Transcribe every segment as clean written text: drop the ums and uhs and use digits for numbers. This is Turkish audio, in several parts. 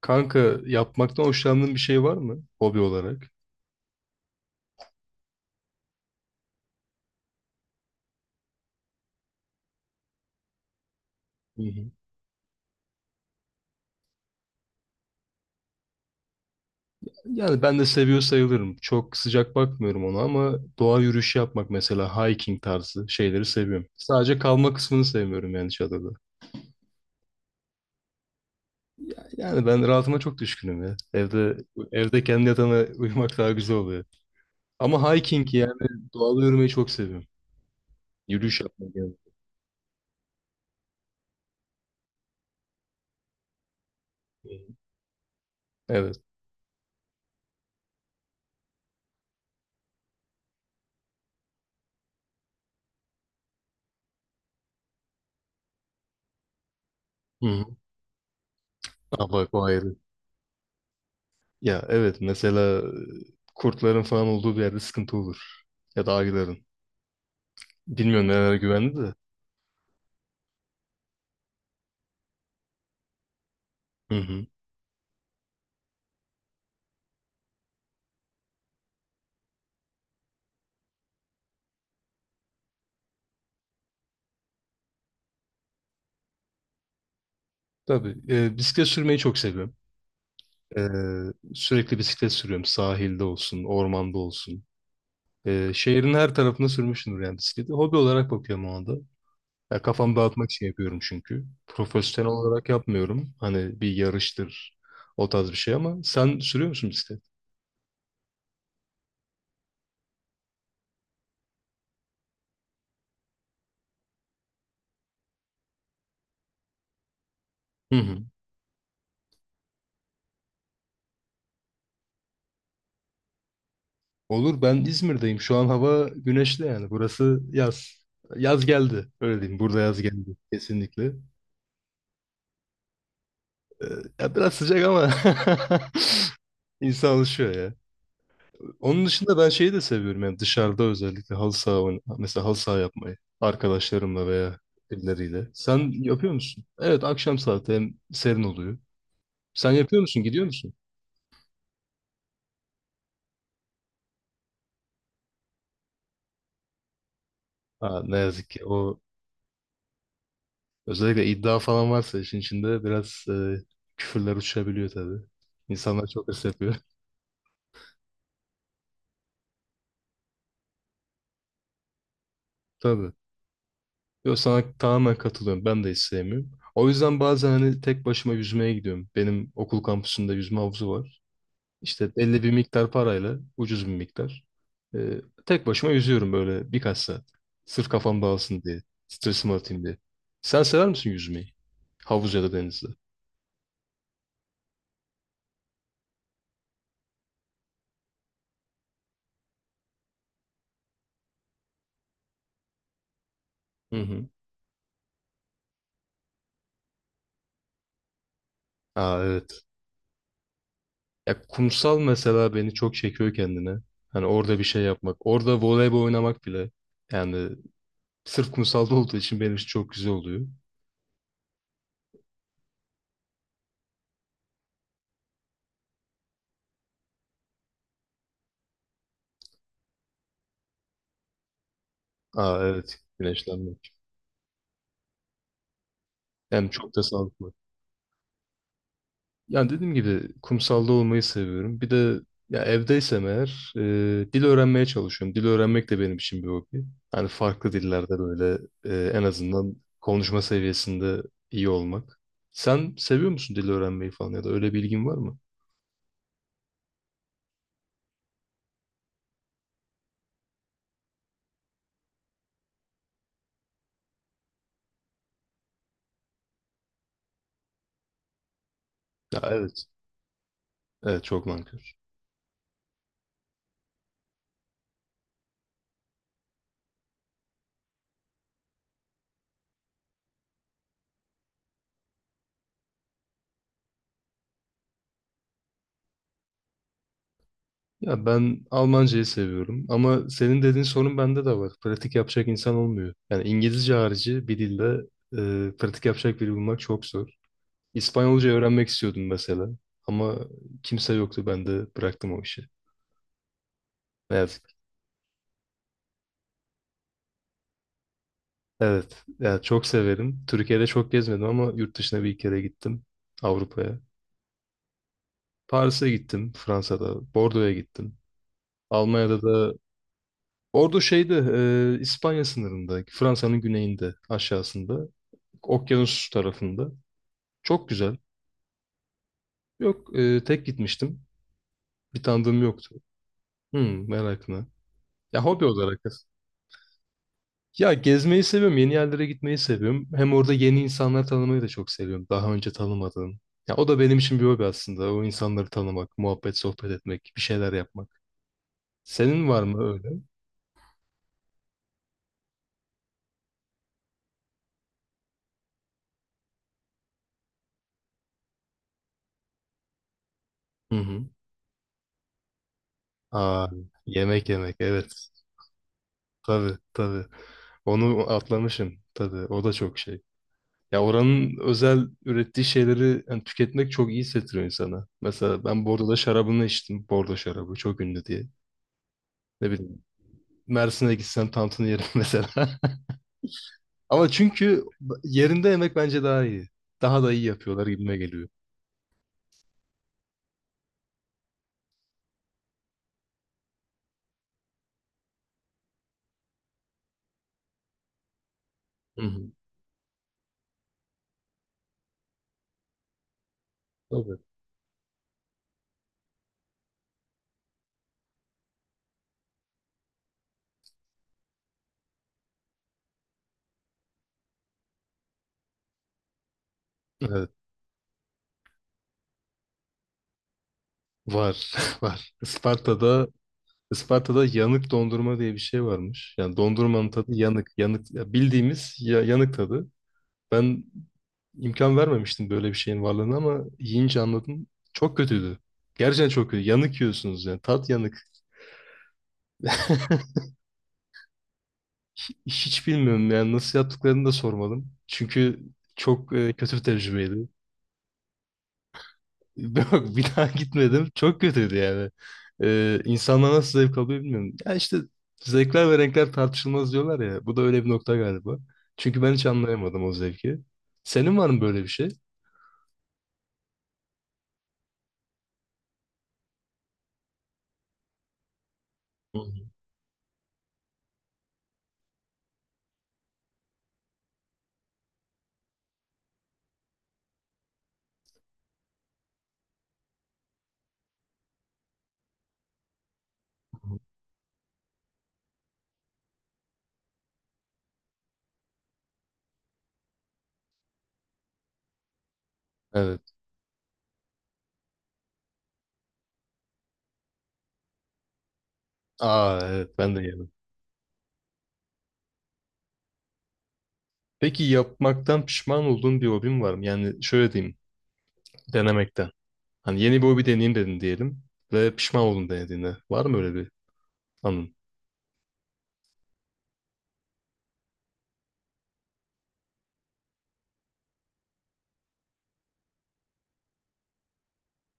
Kanka, yapmaktan hoşlandığın bir şey var mı hobi olarak? Hı hı. Yani ben de seviyor sayılırım. Çok sıcak bakmıyorum ona ama doğa yürüyüşü yapmak mesela hiking tarzı şeyleri seviyorum. Sadece kalma kısmını sevmiyorum yani çadırda. Yani ben rahatıma çok düşkünüm ya. Evde kendi yatağına uyumak daha güzel oluyor. Ama hiking yani doğada yürümeyi çok seviyorum. Yürüyüş yapmak yani. Hı hı. Evet. Hı hı. Aa, bak o ayrı. Ya evet mesela kurtların falan olduğu bir yerde sıkıntı olur. Ya da ayıların. Bilmiyorum nelere güvendi de. Hı hı. Tabii. Bisiklet sürmeyi çok seviyorum. Sürekli bisiklet sürüyorum. Sahilde olsun, ormanda olsun. Şehrin her tarafında sürmüşümdür yani bisikleti. Hobi olarak bakıyorum o anda. Ya, kafamı dağıtmak için yapıyorum çünkü. Profesyonel olarak yapmıyorum. Hani bir yarıştır, o tarz bir şey ama sen sürüyor musun bisiklet? Hı hı. Olur, ben İzmir'deyim. Şu an hava güneşli yani. Burası yaz. Yaz geldi. Öyle diyeyim. Burada yaz geldi. Kesinlikle. Ee, Ya biraz sıcak ama insan alışıyor ya. Onun dışında ben şeyi de seviyorum yani dışarıda özellikle mesela halı saha yapmayı arkadaşlarımla veya birileriyle. Sen yapıyor musun? Evet, akşam saati hem serin oluyor. Sen yapıyor musun? Gidiyor musun? Ha, ne yazık ki o özellikle iddia falan varsa işin içinde biraz küfürler uçabiliyor tabii. İnsanlar çok hırs yapıyor. Tabii. Yo, sana tamamen katılıyorum. Ben de hiç sevmiyorum. O yüzden bazen hani tek başıma yüzmeye gidiyorum. Benim okul kampüsünde yüzme havuzu var. İşte belli bir miktar parayla, ucuz bir miktar. Ee, Tek başıma yüzüyorum böyle birkaç saat. Sırf kafam dağılsın diye, stresimi atayım diye. Sen sever misin yüzmeyi? Havuz ya da denizde. Hı hı. Aa evet. Ya kumsal mesela beni çok çekiyor kendine. Hani orada bir şey yapmak, orada voleybol oynamak bile. Yani sırf kumsalda olduğu için benim için çok güzel oluyor. Aa evet, güneşlenmek. Yani çok da sağlıklı. Yani dediğim gibi kumsalda olmayı seviyorum. Bir de ya evdeysem eğer dil öğrenmeye çalışıyorum. Dil öğrenmek de benim için bir hobi. Hani farklı dillerde böyle en azından konuşma seviyesinde iyi olmak. Sen seviyor musun dil öğrenmeyi falan ya da öyle bir ilgin var mı? Ya evet. Evet, çok nankör. Ya ben Almancayı seviyorum ama senin dediğin sorun bende de var. Pratik yapacak insan olmuyor. Yani İngilizce harici bir dilde pratik yapacak biri bulmak çok zor. İspanyolca öğrenmek istiyordum mesela ama kimse yoktu, ben de bıraktım o işi. Evet, evet. Ya çok severim. Türkiye'de çok gezmedim ama yurt dışına bir kere gittim, Avrupa'ya. Paris'e gittim, Fransa'da, Bordo'ya gittim. Almanya'da da ordu şeyde, İspanya sınırında, Fransa'nın güneyinde, aşağısında. Okyanus tarafında. Çok güzel. Yok tek gitmiştim. Bir tanıdığım yoktu. Hmm, merakına. Ya hobi olarak. Ya gezmeyi seviyorum. Yeni yerlere gitmeyi seviyorum. Hem orada yeni insanlar tanımayı da çok seviyorum. Daha önce tanımadığım. Ya o da benim için bir hobi aslında. O insanları tanımak, muhabbet, sohbet etmek, bir şeyler yapmak. Senin var mı öyle? Hı hı. Aa, yemek yemek, evet. Tabii tabii. Onu atlamışım. Tabii o da çok şey. Ya oranın özel ürettiği şeyleri yani tüketmek çok iyi hissettiriyor insana. Mesela ben Bordo'da şarabını içtim. Bordo şarabı çok ünlü diye. Ne bileyim, Mersin'e gitsem tantını yerim mesela. Ama çünkü yerinde yemek bence daha iyi. Daha da iyi yapıyorlar gibime geliyor. Hı hı. Tabii. Evet. Var. Var. Isparta'da yanık dondurma diye bir şey varmış. Yani dondurmanın tadı yanık. Yanık ya bildiğimiz ya, yanık tadı. Ben imkan vermemiştim böyle bir şeyin varlığına ama yiyince anladım. Çok kötüydü. Gerçekten çok kötü. Yanık yiyorsunuz yani. Tat yanık. Hiç bilmiyorum yani nasıl yaptıklarını da sormadım. Çünkü çok kötü bir tecrübeydi. Yok, bir daha gitmedim. Çok kötüydü yani. İnsanlar nasıl zevk alıyor bilmiyorum. Ya işte zevkler ve renkler tartışılmaz diyorlar ya. Bu da öyle bir nokta galiba. Çünkü ben hiç anlayamadım o zevki. Senin var mı böyle bir şey? Hı hı. Evet. Aa evet, ben de yedim. Peki yapmaktan pişman olduğun bir hobin var mı? Yani şöyle diyeyim, denemekten. Hani yeni bir hobi deneyeyim dedin diyelim ve pişman oldun denediğinde. Var mı öyle bir anın?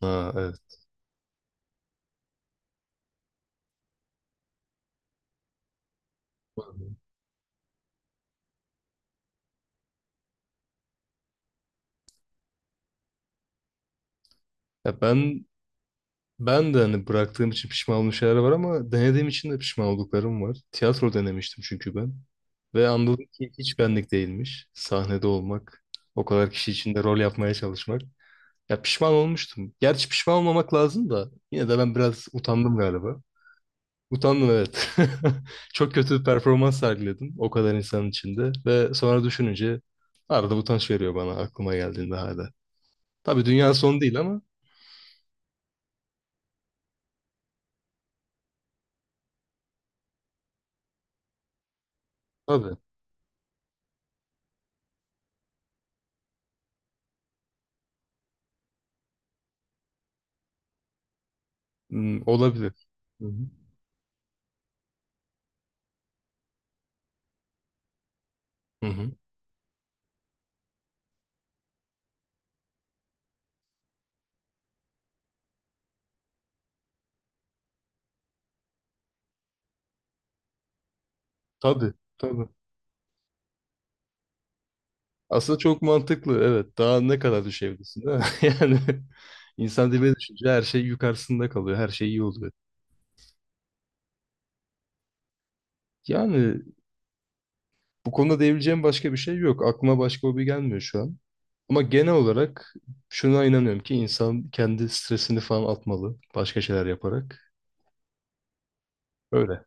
Ha evet. Ya ben de hani bıraktığım için pişman olduğum şeyler var ama denediğim için de pişman olduklarım var. Tiyatro denemiştim çünkü ben. Ve anladım ki hiç benlik değilmiş. Sahnede olmak, o kadar kişi içinde rol yapmaya çalışmak. Ya pişman olmuştum. Gerçi pişman olmamak lazım da yine de ben biraz utandım galiba. Utandım evet. Çok kötü bir performans sergiledim o kadar insanın içinde ve sonra düşününce arada utanç veriyor bana aklıma geldiğinde hala. Tabii dünya son değil ama tabii hmm, olabilir. Hı hı. Hı hı. Tabii tabii. Aslında çok mantıklı, evet. Daha ne kadar düşebilirsin değil mi? Yani insan dibine düşünce her şey yukarısında kalıyor. Her şey iyi oluyor. Yani bu konuda diyebileceğim başka bir şey yok. Aklıma başka hobi gelmiyor şu an. Ama genel olarak şuna inanıyorum ki insan kendi stresini falan atmalı başka şeyler yaparak. Öyle.